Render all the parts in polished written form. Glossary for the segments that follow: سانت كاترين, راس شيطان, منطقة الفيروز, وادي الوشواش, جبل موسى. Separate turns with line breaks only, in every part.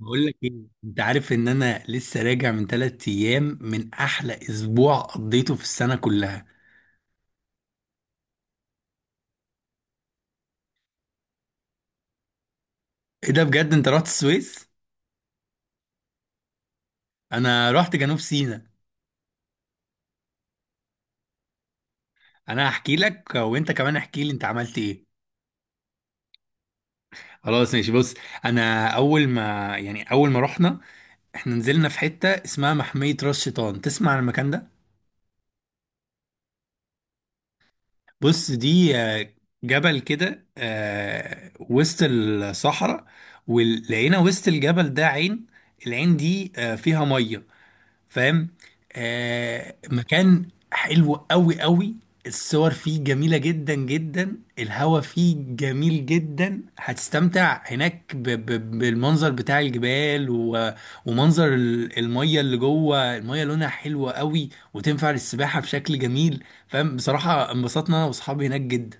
بقول لك ايه. انت عارف ان انا لسه راجع من 3 ايام من احلى اسبوع قضيته في السنه كلها؟ ايه ده بجد، انت رحت السويس؟ انا رحت جنوب سيناء. انا هحكي لك، وانت كمان احكي لي انت عملت ايه. خلاص ماشي، بص. انا اول ما يعني اول ما رحنا، احنا نزلنا في حته اسمها محميه راس شيطان. تسمع عن المكان ده؟ بص، دي جبل كده وسط الصحراء. ولقينا وسط الجبل ده عين. العين دي فيها ميه. فاهم؟ مكان حلو قوي قوي. الصور فيه جميلة جدا جدا، الهوا فيه جميل جدا، هتستمتع هناك ب ب بالمنظر بتاع الجبال، و... ومنظر المية اللي جوه، المية لونها حلوة قوي. وتنفع للسباحة بشكل جميل. فاهم؟ بصراحة انبسطنا انا واصحابي هناك جدا.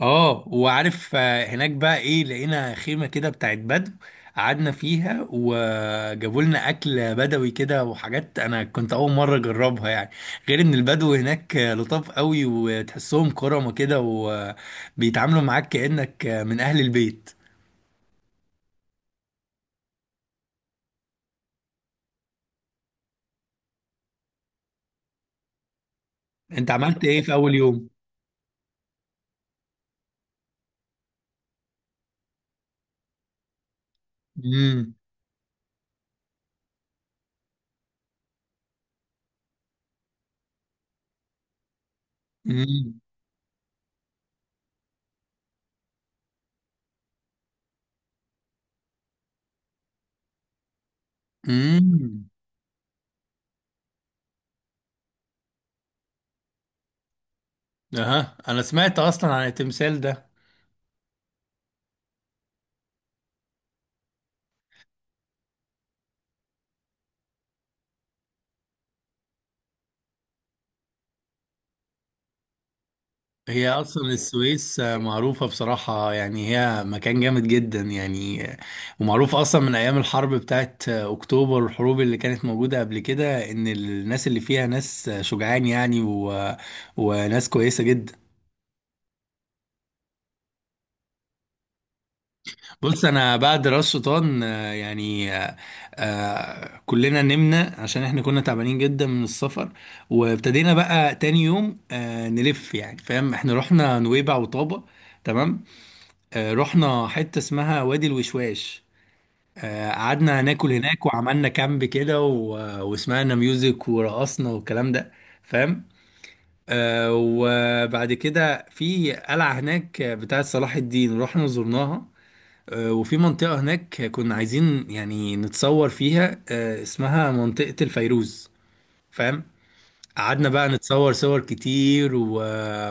اه، وعارف هناك بقى ايه؟ لقينا خيمة كده بتاعت بدو. قعدنا فيها وجابوا لنا اكل بدوي كده وحاجات انا كنت اول مرة اجربها يعني. غير ان البدو هناك لطاف قوي، وتحسهم كرمة كده، وبيتعاملوا معاك كأنك من اهل البيت. انت عملت ايه في اول يوم؟ امم. امم. امم. اها، انا سمعت اصلا عن التمثال ده. هي اصلا السويس معروفه بصراحه يعني، هي مكان جامد جدا يعني. ومعروفه اصلا من ايام الحرب بتاعت اكتوبر والحروب اللي كانت موجوده قبل كده، ان الناس اللي فيها ناس شجعان يعني و... وناس كويسه جدا. بص، انا بعد راس شيطان، يعني كلنا نمنا عشان احنا كنا تعبانين جدا من السفر. وابتدينا بقى تاني يوم نلف، يعني فاهم، احنا رحنا نويبع وطابة. تمام. رحنا حتة اسمها وادي الوشواش. قعدنا هناكل هناك وعملنا كامب كده، وسمعنا ميوزك ورقصنا والكلام ده. فاهم؟ وبعد كده في قلعة هناك بتاعة صلاح الدين، رحنا زرناها. وفي منطقة هناك كنا عايزين يعني نتصور فيها، اسمها منطقة الفيروز. فاهم؟ قعدنا بقى نتصور صور كتير و...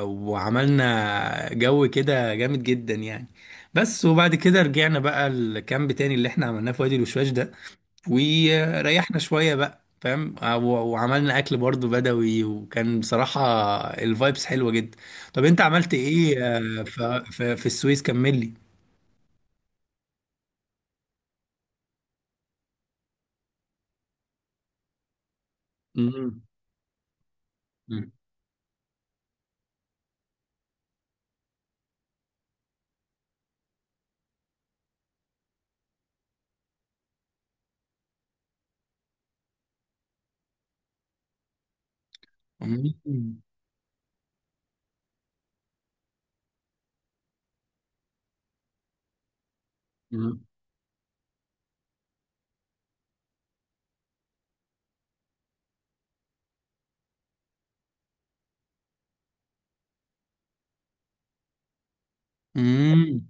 وعملنا جو كده جامد جدا يعني. بس وبعد كده رجعنا بقى الكامب تاني اللي احنا عملناه في وادي الوشواش ده. وريحنا شوية بقى، فاهم؟ وعملنا اكل برضو بدوي، وكان بصراحة الفايبس حلوة جدا. طب انت عملت ايه في السويس؟ كمل لي. مم. مم. مم. مم. مم.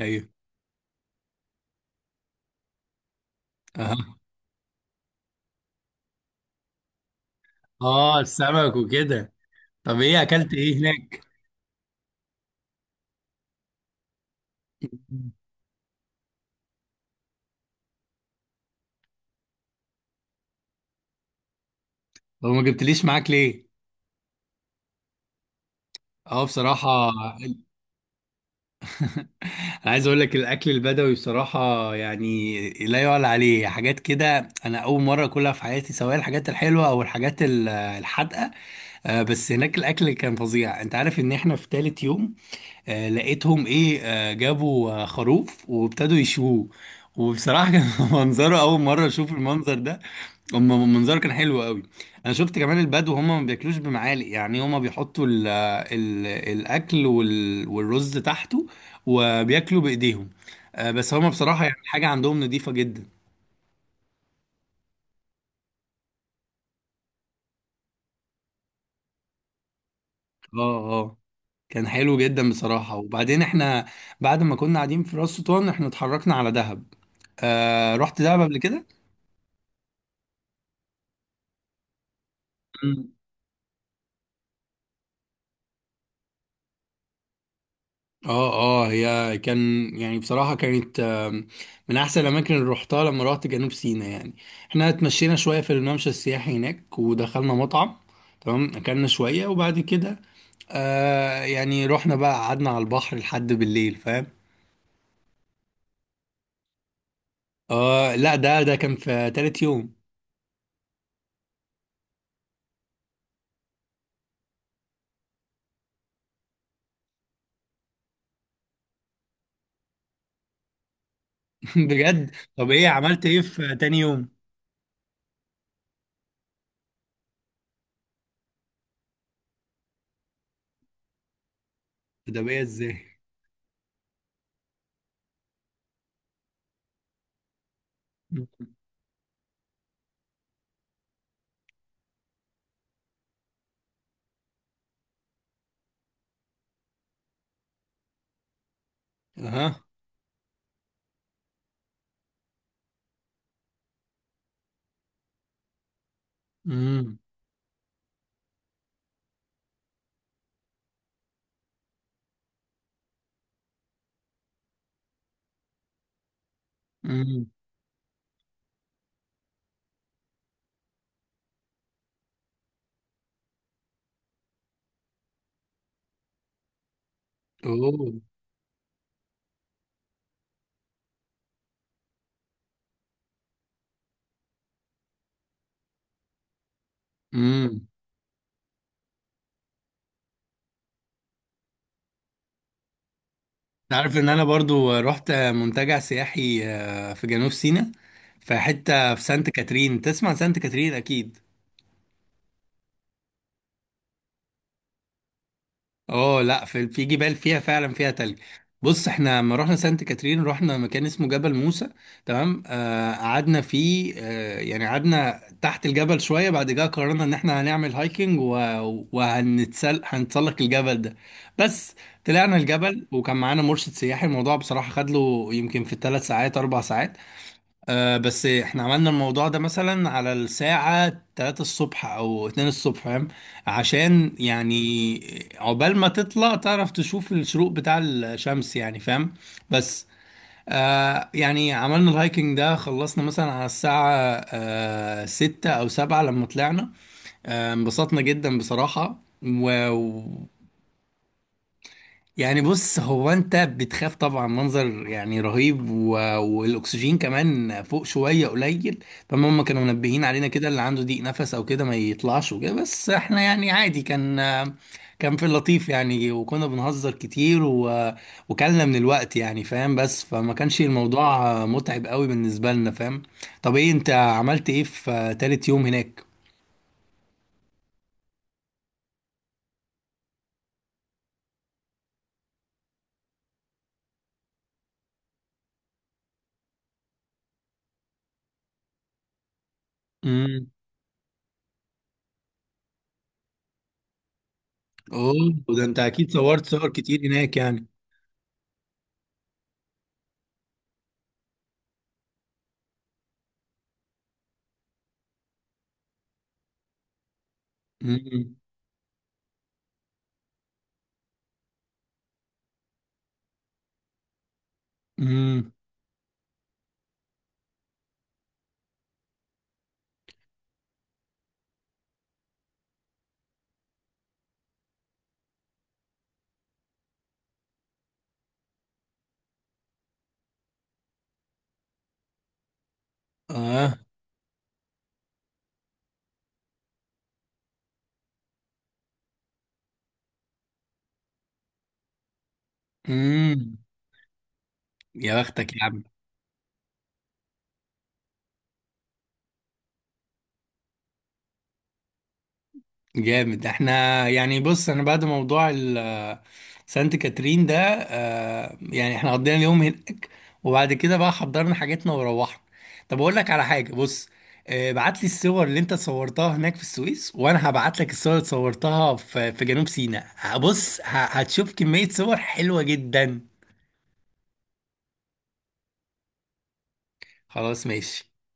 ايوه. اها. اه، السمك وكده. طب ايه اكلت ايه هناك؟ هو ما جبتليش معاك ليه؟ اه، بصراحة. أنا عايز اقول لك الاكل البدوي بصراحة، يعني لا يعلى عليه. حاجات كده انا اول مرة اكلها في حياتي، سواء الحاجات الحلوة او الحاجات الحادقة. بس هناك الاكل كان فظيع. انت عارف ان احنا في تالت يوم لقيتهم ايه، جابوا خروف وابتدوا يشووه. وبصراحة كان منظره أول مرة أشوف المنظر ده. هم منظره كان حلو قوي. انا شفت كمان البدو هم ما بياكلوش بمعالق يعني، هم بيحطوا ال الاكل، والرز تحته. وبياكلوا بايديهم. بس هم بصراحه يعني حاجه عندهم نظيفه جدا. اه. اه. كان حلو جدا بصراحه. وبعدين احنا، بعد ما كنا قاعدين في راس شيطان، احنا اتحركنا على دهب. آه، رحت دهب قبل كده؟ اه. اه. هي كان يعني بصراحة كانت من أحسن الأماكن اللي روحتها لما روحت جنوب سيناء يعني. احنا اتمشينا شوية في الممشى السياحي هناك ودخلنا مطعم. تمام، أكلنا شوية وبعد كده يعني رحنا بقى قعدنا على البحر لحد بالليل. فاهم؟ اه لا، ده كان في تالت يوم. بجد. طب ايه عملت ايه في تاني يوم؟ ده بقى ازاي؟ اها. امم. امم. اوه. امم. عارف ان انا برضو رحت منتجع سياحي في جنوب سيناء، في حتة في سانت كاترين. تسمع سانت كاترين اكيد؟ اه لا، في جبال، فيها فعلا فيها تلج. بص، احنا لما رحنا سانت كاترين رحنا مكان اسمه جبل موسى. تمام. قعدنا فيه، يعني قعدنا تحت الجبل شوية. بعد كده قررنا ان احنا هنعمل هايكنج و... هنتسلق الجبل ده. بس، طلعنا الجبل وكان معانا مرشد سياحي. الموضوع بصراحة خد له يمكن في ال3 ساعات 4 ساعات. بس احنا عملنا الموضوع ده مثلا على الساعة 3 الصبح او 2 الصبح. فاهم؟ عشان يعني عقبال ما تطلع تعرف تشوف الشروق بتاع الشمس يعني. فاهم؟ بس يعني عملنا الهايكنج ده خلصنا مثلا على الساعة 6 او 7 لما طلعنا. انبسطنا جدا بصراحة و... يعني بص، هو انت بتخاف طبعا، منظر يعني رهيب و... والاكسجين كمان فوق شويه قليل. فما هم كانوا منبهين علينا كده، اللي عنده ضيق نفس او كده ما يطلعش وكده، بس احنا يعني عادي، كان كان في اللطيف يعني، وكنا بنهزر كتير و... وكلنا من الوقت يعني. فاهم؟ بس فما كانش الموضوع متعب قوي بالنسبه لنا. فاهم؟ طب ايه انت عملت ايه في تالت يوم هناك؟ امم. اوه. ده انت اكيد صورت صور كتير هناك يعني. امم. امم. اه. امم. يا بختك يا عم. جامد. احنا يعني، بص، انا بعد موضوع سانت كاترين ده يعني احنا قضينا اليوم هناك، وبعد كده بقى حضرنا حاجاتنا وروحنا. طب اقول لك على حاجه، بص، بعت لي الصور اللي انت صورتها هناك في السويس، وانا هبعت لك الصور اللي صورتها في جنوب سيناء. بص هتشوف كميه صور حلوه جدا. خلاص ماشي.